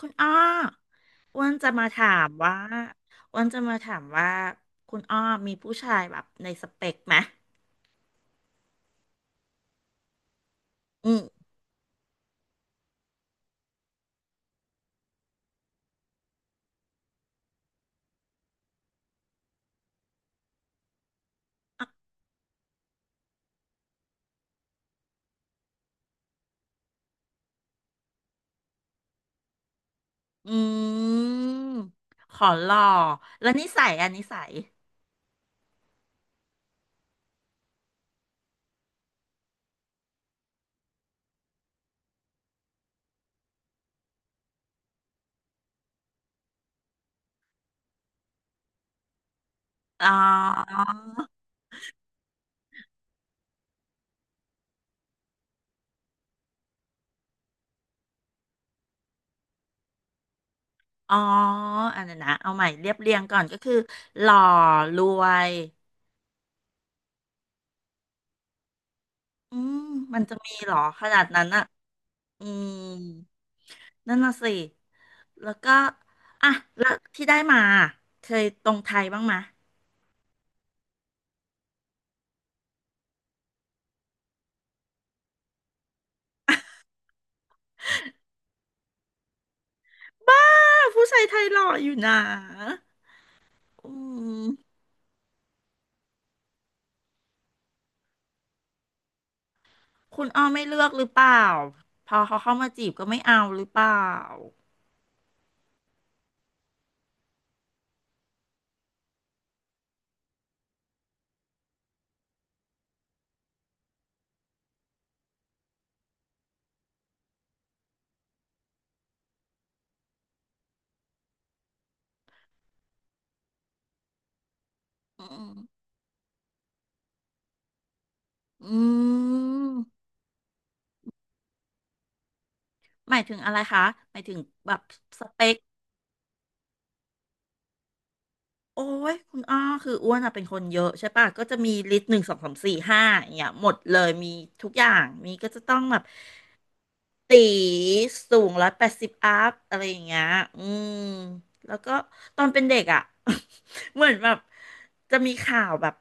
คุณอ้ออ้วนจะมาถามว่าอ้วนจะมาถามว่าคุณอ้อมีผู้ชายแบบในสเปคไหมอืมอืมขอหล่อแล้วนิสัยอันนิสัยอ๋ออ๋ออันนั้นนะเอาใหม่เรียบเรียงก่อนก็คือหล่อรวยอืมมันจะมีเหรอขนาดนั้นอ่ะอืมนั่นน่ะสิแล้วก็อ่ะแล้วที่ได้มาเคยตรงไทยบ้างไหม ผู้ชายไทยหล่ออยู่นะอืมคุณอ้อไม่เลือกหรือเปล่า พอเขาเข้ามาจีบก็ไม่เอาหรือเปล่า อืมอืมหมายถึงอะไรคะหมายถึงแบบสเปคโอ้ยคุณอ้อคืออ้วนอะเป็นคนเยอะใช่ปะก็จะมีลิสต์หนึ่งสองสามสี่ห้าอย่างเงี้ยหมดเลยมีทุกอย่างมีก็จะต้องแบบ ตีสูง180อัพอะไรอย่างเงี้ยอืมแล้วก็ตอนเป็นเด็กอ่ะ เหมือนแบบจะมีข่าวแบบ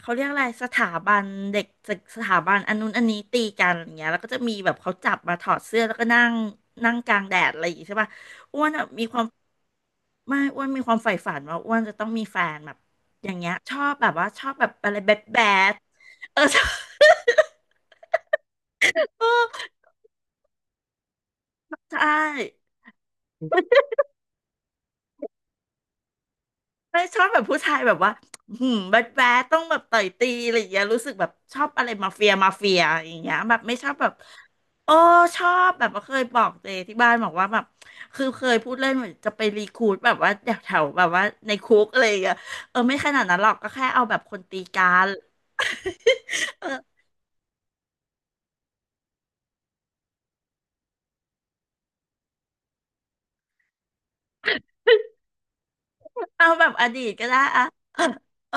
เขาเรียกอะไรสถาบันเด็กสถาบันอันนู้นอันนี้ตีกันอะไรอย่างเงี้ย แล้วก็จะมีแบบเขาจับมาถอดเสื้อแล้วก็นั่งนั่งกลางแดดอะไรอย่างงี้ใช่ป่ะอ้วนอะมีความไม่อ้วนมีความใฝ่ฝันว่าอ้วนจะต้องมีแฟนแบบอย่างเงี้ยชอบแบบว่าชอบแบบอะไรแบดแบดเออ ชอบ ใช่ ไม่ชอบแบบผู้ชายแบบว่าหืมแบดแบดต้องแบบต่อยตีอะไรอย่างเงี้ยรู้สึกแบบชอบอะไรมาเฟียมาเฟียอย่างเงี้ยแบบไม่ชอบแบบโอ้ชอบแบบว่าเคยบอกเจที่บ้านบอกว่าแบบคือเคยพูดเล่นเหมือนจะไปรีครูทแบบว่าแถวๆแบบว่าในคุกอะไรอย่างเงี้ยเออไม่ขนาดนั้นหรอกก็แค่เอาแบบคนตีกันเออเอาแบบอดีตก็ได้อะเออ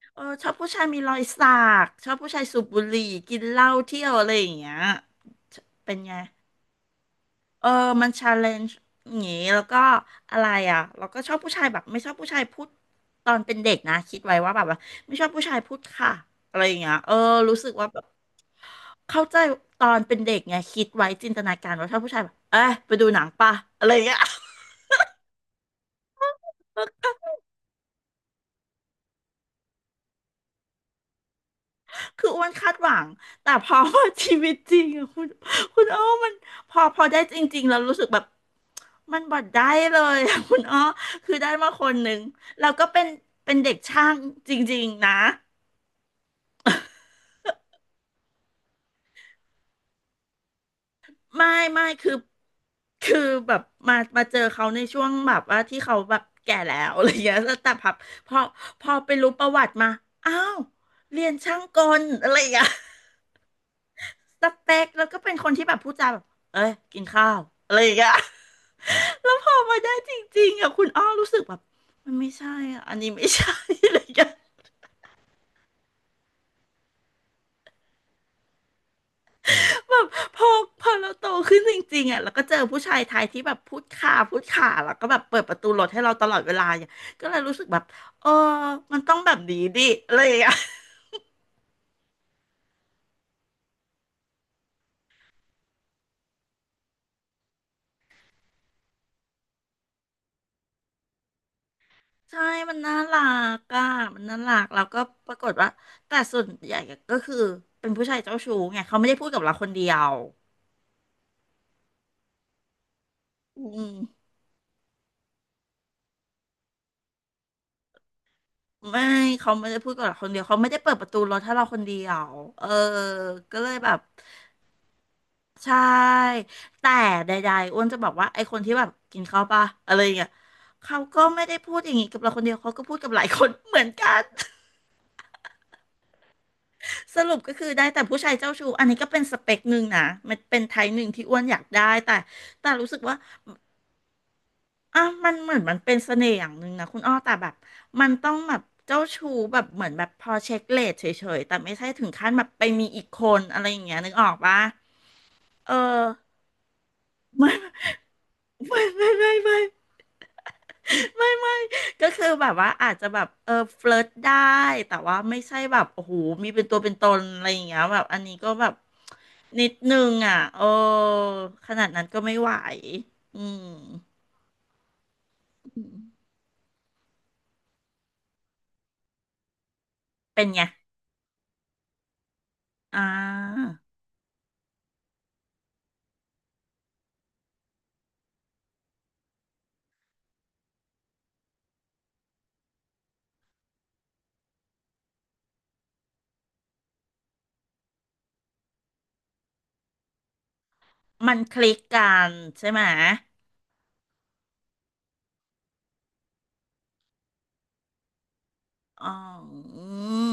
เออเออชอบผู้ชายมีรอยสักชอบผู้ชายสูบบุหรี่กินเหล้าเที่ยวอะไรอย่างเงี้ยเป็นไง เออมันชาเลนจ์อย่างงี้แล้วก็อะไรอ่ะเราก็ชอบผู้ชายแบบไม่ชอบผู้ชายพูดตอนเป็นเด็กนะคิดไว้ว่าแบบว่าไม่ชอบผู้ชายพูดค่ะอะไรอย่างเงี้ยเออรู้สึกว่าแบบเข้าใจตอนเป็นเด็กไงคิดไว้จินตนาการว่าชอบผู้ชายแบบเอ้ยไปดูหนังป่ะอะไรอย่างเงี้ย คืออ้วนคาดหวังแต่พอ ชีวิตจริงอะคุณคุณอ้อมันพอพอได้จริงๆแล้วรู้สึกแบบมันบดได้เลยอะ คุณอ้อคือได้มาคนหนึ่งแล้วก็เป็นเป็นเด็กช่างจริงๆนะไม่ไม่คือคือแบบมามาเจอเขาในช่วงแบบว่าที่เขาแบบแก่แล้ว อะไรอย่างเงี้ยแล้วแต่พับพอพอไปรู้ประวัติมาอ้าวเรียนช่างกลอะไรอย่างเงี้ย สเปคแล้วก็เป็นคนที่แบบพูดจาแบบเอ้ยกินข้าวอะไรอย่างเงี้ย แล้วพอมาได้จริงๆอ่ะคุณอ้อรู้สึกแบบมันไม่ใช่อ่ะอันนี้ไม่ใช่ อะไรอย่างเงี้ย แบบพอพอเราโตขึ้นจริงๆอ่ะแล้วก็เจอผู้ชายไทยที่แบบพูดขาพูดขาแล้วก็แบบเปิดประตูรถให้เราตลอดเวลาเนี่ยก็เลยรู้สึกแบบเออมันต้องแบบนี้ดิอะไรอย่างเงี้ย ใช่มันน่ารักอ่ะมันน่ารักแล้วก็ปรากฏว่าแต่ส่วนใหญ่ก็คือเป็นผู้ชายเจ้าชู้ไงเขาไม่ได้พูดกับเราคนเดียวอืม ไม่เขาไม่ได้พูดกับเราคนเดียวเขาไม่ได้เปิดประตูรถให้เราคนเดียวเออก็เลยแบบใช่แต่ใดๆอ้วนจะบอกว่าไอ้คนที่แบบกินข้าวปะอะไรอย่างเงี้ยเขาก็ไม่ได้พูดอย่างงี้กับเราคนเดียวเขาก็พูดกับหลายคนเหมือนกัน สรุปก็คือได้แต่ผู้ชายเจ้าชู้อันนี้ก็เป็นสเปคหนึ่งนะมันเป็นไทป์หนึ่งที่อ้วนอยากได้แต่แต่รู้สึกว่า อ่ะมันเหมือนมันเป็นเสน่ห์อย่างหนึ่งนะคุณอ้อแต่แบบมันต้องแบบเจ้าชู้แบบเหมือนแบบพอเช็คเลทเฉยๆแต่ไม่ใช่ถึงขั้นแบบไปมีอีกคนอะไรอย่างเงี้ยนึกออกปะเออ ไม่ไม่ไม่ไม่ไม่ไม่ก็คือแบบว่าอาจจะแบบเออเฟลิร์ตได้แต่ว่าไม่ใช่แบบโอ้โหมีเป็นตัวเป็นตนอะไรอย่างเงี้ยแบบอันนี้ก็แบบนิดนึงอ่ะเออขนาดนั้นก็ไม่ไหวอืมเป็นไงอ่า มันคลิกกันใช่ไหมอ๋ออืม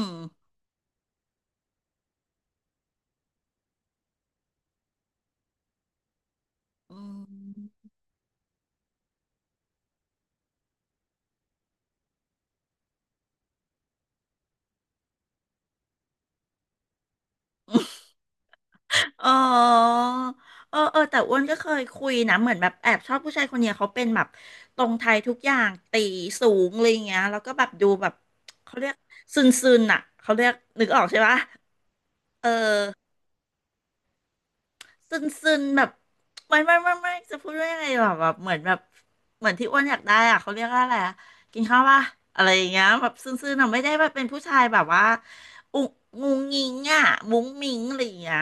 อมอ๋อเออเออแต่อ้วนก็เคยคุยนะ เหมือนแบบแอบชอบผู้ชายคนเนี้ยเขาเป็นแบบตรงไทยทุกอย่างตีสูงอะไรอย่างเงี้ยแล้วก็แบบดูแบบเขาเรียกซึนซึนอ่ะเขาเรียกนึกออกใช่ปะเออ ซึนซึนแบบไม่จะพูดว่ายังไงแบบเหมือนแบบเหมือนที่อ้วนอยากได้อ่ะเขาเรียกว่าอะไรอะกินข้าวป่ะอะไรอย่างเงี้ยแบบซึนซึนอะไม่ได้ว่าเป็นผู้ชายแบบว่าอุงุงงิงอ่ะมุ้งมิงอะไรอย่างเงี้ย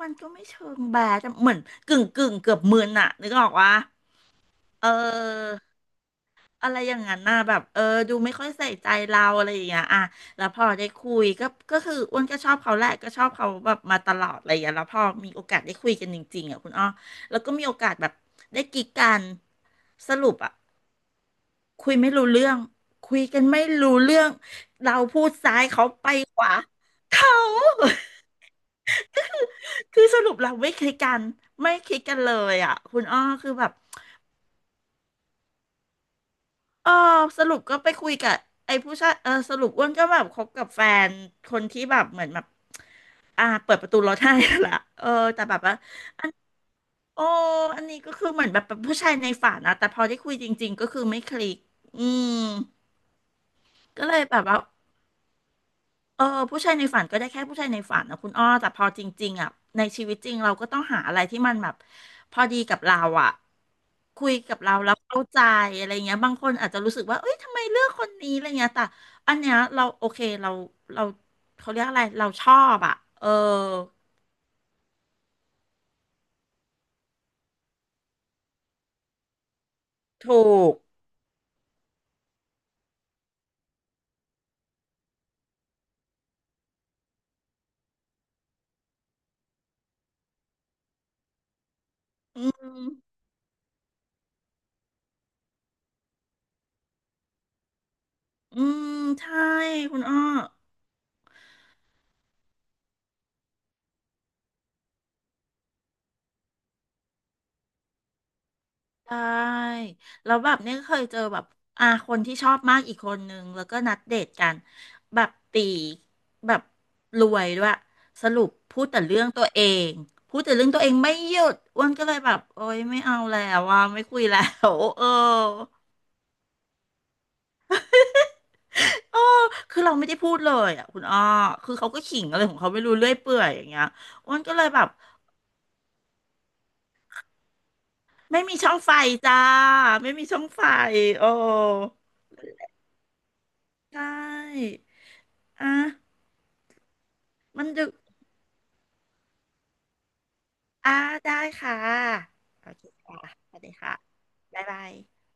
มันก็ไม่เชิงแบดอะเหมือนกึ่งเกือบมึนอ่ะนึกออกวะ เอออะไรอย่างนั้นน่ะแบบเออดูไม่ค่อยใส่ใจเราอะไรอย่างเงี้ยอ่ะแล้วพอได้คุยก็คืออ้วนก็ชอบเขาแหละก็ชอบเขาแบบมาตลอดอะไรอย่างเงี้ยแล้วพอมีโอกาสได้คุยกันจริงๆอ่ะคุณอ้อแล้วก็มีโอกาสแบบได้กิ๊กกันสรุปอ่ะคุยไม่รู้เรื่องคุยกันไม่รู้เรื่องเราพูดซ้ายเขาไปขวาเขา คือสรุปเราไม่คลิกกันไม่คลิกกันเลยอ่ะคุณอ้อคือแบบ เออสรุปก็ไปคุยกับไอ้ผู้ชายเออสรุปอ้วนก็แบบคบกับแฟนคนที่แบบเหมือนแบบอ่าเปิดประตูรถให้นั่นแหละเออแต่แบบว่าโอ้อันนี้ก็คือเหมือนแบบเป็นผู้ชายในฝันนะแต่พอได้คุยจริงๆก็คือไม่คลิกอืมก็เลยแบบว่าเออผู้ชายในฝันก็ได้แค่ผู้ชายในฝันนะคุณอ้อแต่พอจริงๆอ่ะในชีวิตจริงเราก็ต้องหาอะไรที่มันแบบพอดีกับเราอ่ะ คุยกับเราแล้วเข้าใจอะไรเงี้ยบางคนอาจจะรู้สึกว่าเอ้ยทำไมเลือกคนนี้อะไรเงี้ยแต่อันเนี้ยเราโอเคเราเขาเรียกอะไรเราชอบอ่ะเออถูกอืมอืมใช่คุณอ้อ ได้แล้วแบบเนี่ยเคยเจอแบบอ่าคนที่ชอบมากอีกคนนึงแล้วก็นัดเดทกันแบบตีแบบรวยด้วยสรุปงพูดแต่เรื่องตัวเองไม่หยุดอ้วนก็เลยแบบโอ๊ยไม่เอาแล้วว่าไม่คุยแล้วเออเออคือเราไม่ได้พูดเลยอ่ะคุณอ้อคือเขาก็ขิงอะไรของเขาไม่รู้เรื่อยเปื่อยอย่างเงี้ยอ้วนก็เลยแบบไม่มีช่องไฟจ้าไม่มีช่องไฟโอ้ใช่อ่ะมันดึก อ่าได้ค่ะโอเคค่ะสวัสดีค่ะ บ๊ายบาย